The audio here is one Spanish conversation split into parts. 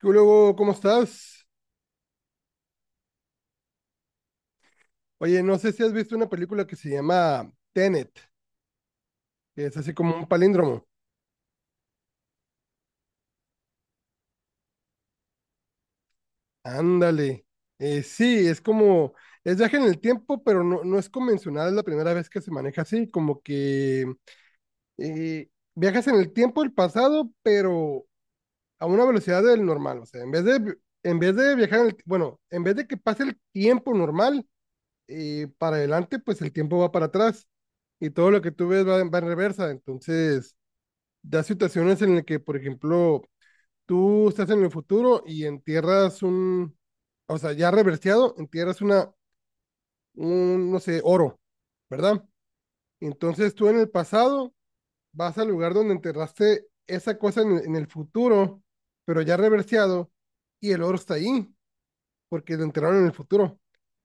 ¿Qué luego? ¿Cómo estás? Oye, no sé si has visto una película que se llama Tenet, que es así como un palíndromo. Ándale. Sí, es viaje en el tiempo, pero no es convencional. Es la primera vez que se maneja así, como que eh, viajas en el tiempo, el pasado, pero a una velocidad del normal. O sea, en vez de viajar, bueno, en vez de que pase el tiempo normal para adelante, pues el tiempo va para atrás y todo lo que tú ves va en reversa. Entonces da situaciones en las que, por ejemplo, tú estás en el futuro y o sea, ya reverseado, entierras un, no sé, oro, ¿verdad? Entonces tú en el pasado vas al lugar donde enterraste esa cosa en el futuro, pero ya reverseado, y el oro está ahí porque lo enterraron en el futuro.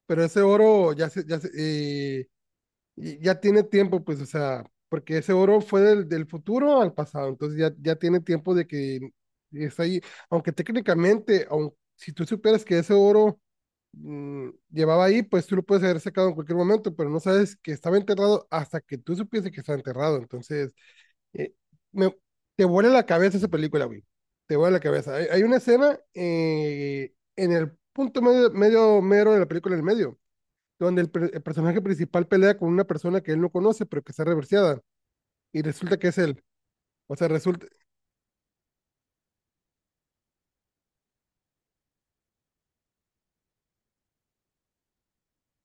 Pero ese oro y ya tiene tiempo, pues, o sea, porque ese oro fue del futuro al pasado, entonces ya tiene tiempo de que está ahí, aunque técnicamente, aun, si tú supieras que ese oro llevaba ahí, pues tú lo puedes haber sacado en cualquier momento, pero no sabes que estaba enterrado hasta que tú supieses que estaba enterrado. Entonces, eh, me- te vuela la cabeza esa película, güey, te vuela la cabeza. Hay una escena, en el punto medio, medio mero de la película, en el medio, donde el personaje principal pelea con una persona que él no conoce, pero que está reverseada, y resulta que es él. O sea, resulta,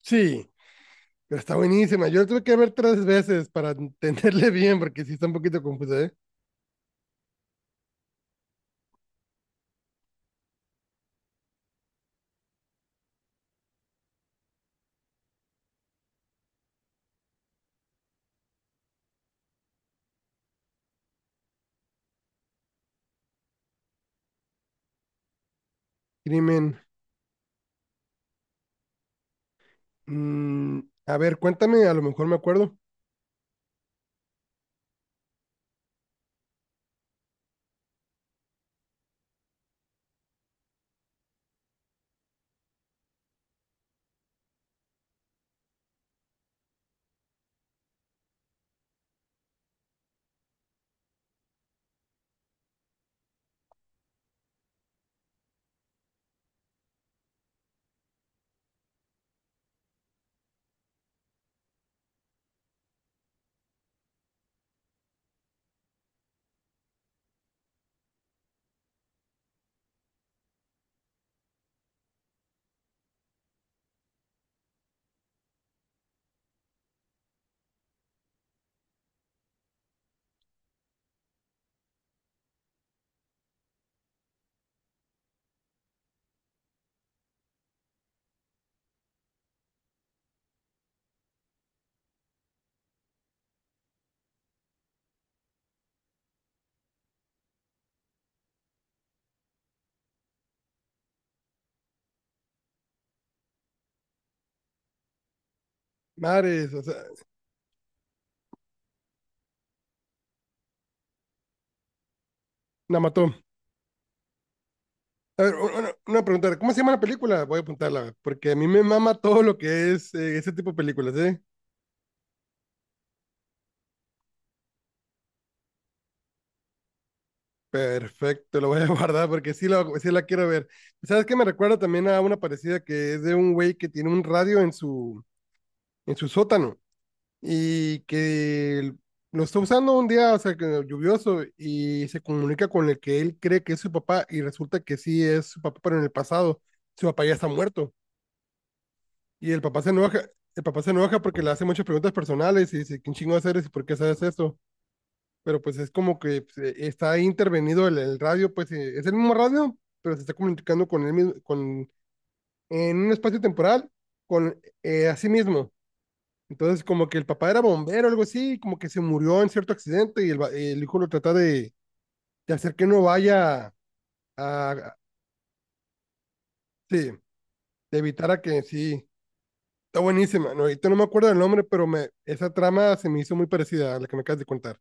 sí, pero está buenísima. Yo la tuve que ver tres veces para entenderle bien, porque sí está un poquito confusa, ¿eh? Crimen. mm, a ver, cuéntame, a lo mejor me acuerdo. Mares, o sea, la mató. A ver, una pregunta, ¿cómo se llama la película? Voy a apuntarla, porque a mí me mama todo lo que es ese tipo de películas, ¿eh? Perfecto, lo voy a guardar porque sí, lo, sí la quiero ver. ¿Sabes qué? Me recuerda también a una parecida que es de un güey que tiene un radio en su sótano, y que lo está usando un día, o sea, que lluvioso, y se comunica con el que él cree que es su papá, y resulta que sí es su papá, pero en el pasado su papá ya está muerto, y el papá se enoja. El papá se enoja porque le hace muchas preguntas personales y dice, ¿quién chingo eres y por qué sabes esto? Pero pues es como que pues, está intervenido el radio, pues es el mismo radio, pero se está comunicando con él mismo, con, en un espacio temporal, con a sí mismo. Entonces, como que el papá era bombero, o algo así, como que se murió en cierto accidente, y el hijo lo trata de hacer que no vaya a, sí, de evitar a que sí. Está buenísima. No, ahorita no me acuerdo del nombre, pero me, esa trama se me hizo muy parecida a la que me acabas de contar.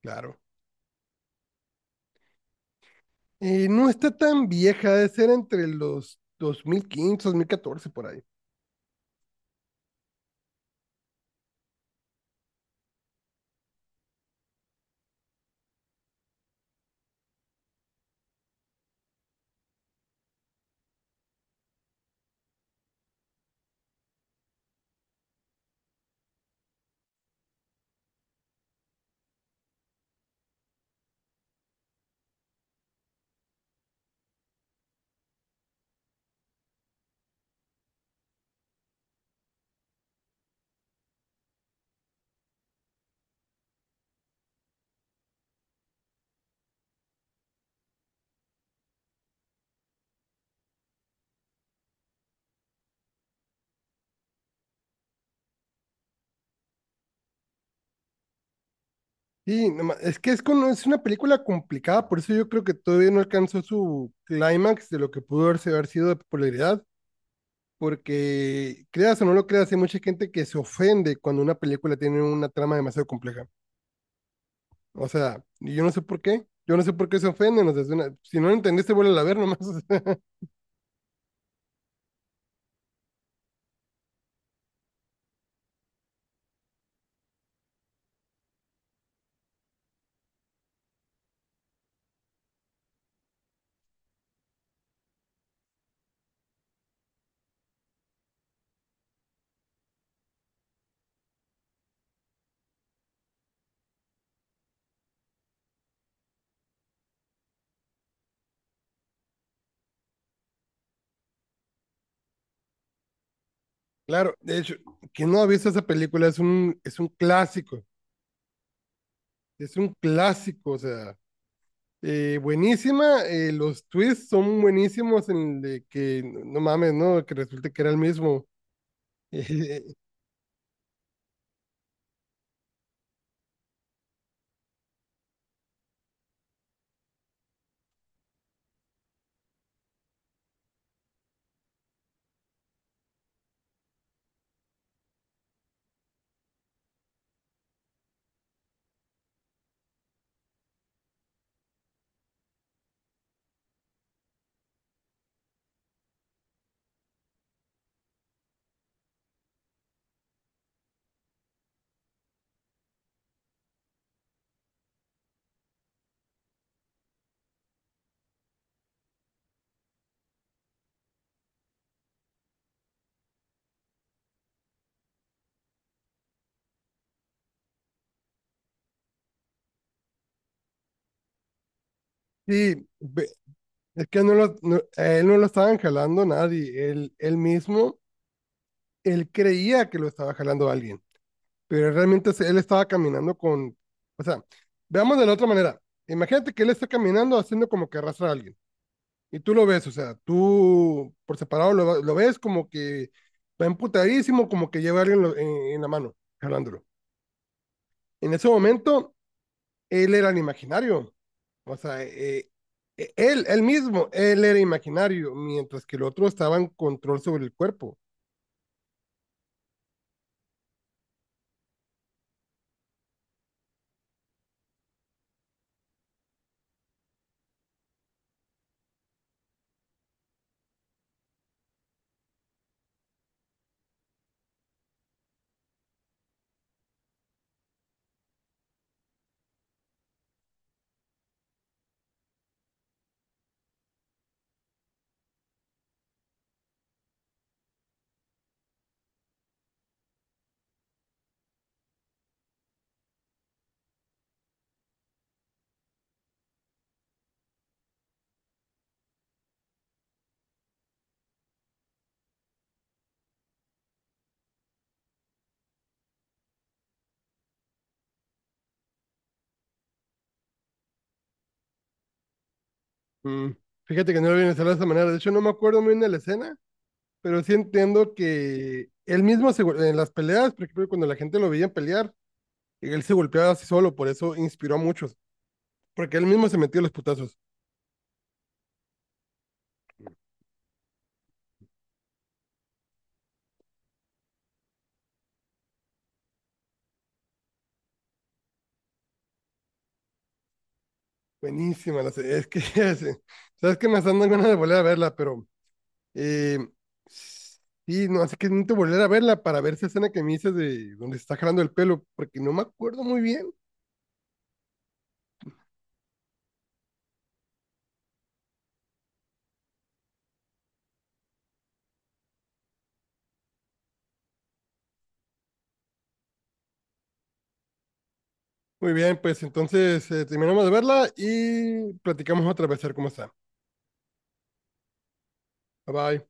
Claro. No está tan vieja, debe ser entre los 2015, 2014, por ahí. Sí, no ma- es que es una película complicada, por eso yo creo que todavía no alcanzó su clímax de lo que pudo haber sido de popularidad, porque creas o no lo creas, hay mucha gente que se ofende cuando una película tiene una trama demasiado compleja. O sea, y yo no sé por qué, yo no sé por qué se ofenden, o sea, es una- si no lo entendiste, vuelve a ver nomás. O sea, claro, de hecho, quien no ha visto esa película es un, clásico, es un clásico, o sea. Buenísima, los twists son buenísimos en el de que, no mames, ¿no? Que resulte que era el mismo. Eh, sí, es que no lo, no- a él no lo estaban jalando nadie, él mismo. Él creía que lo estaba jalando alguien, pero realmente él estaba caminando con, o sea, veamos de la otra manera. Imagínate que él está caminando haciendo como que arrastra a alguien, y tú lo ves, o sea, tú por separado lo ves como que va emputadísimo, como que lleva a alguien en la mano, jalándolo. En ese momento, él era el imaginario. O sea, él, él mismo, él era imaginario, mientras que el otro estaba en control sobre el cuerpo. Mm, Fíjate que no lo viene a hacer de esa manera. De hecho, no me acuerdo muy bien de la escena, pero sí entiendo que él mismo en las peleas, por ejemplo, cuando la gente lo veía pelear, él se golpeaba así solo, por eso inspiró a muchos, porque él mismo se metió los putazos. Buenísima es que, sabes que me están dando ganas de volver a verla, pero Eh, sí, no, así que necesito volver a verla para ver esa escena que me dices de donde se está jalando el pelo, porque no me acuerdo muy bien. Muy bien, pues entonces terminamos de verla y platicamos otra vez a ver cómo está. Bye bye.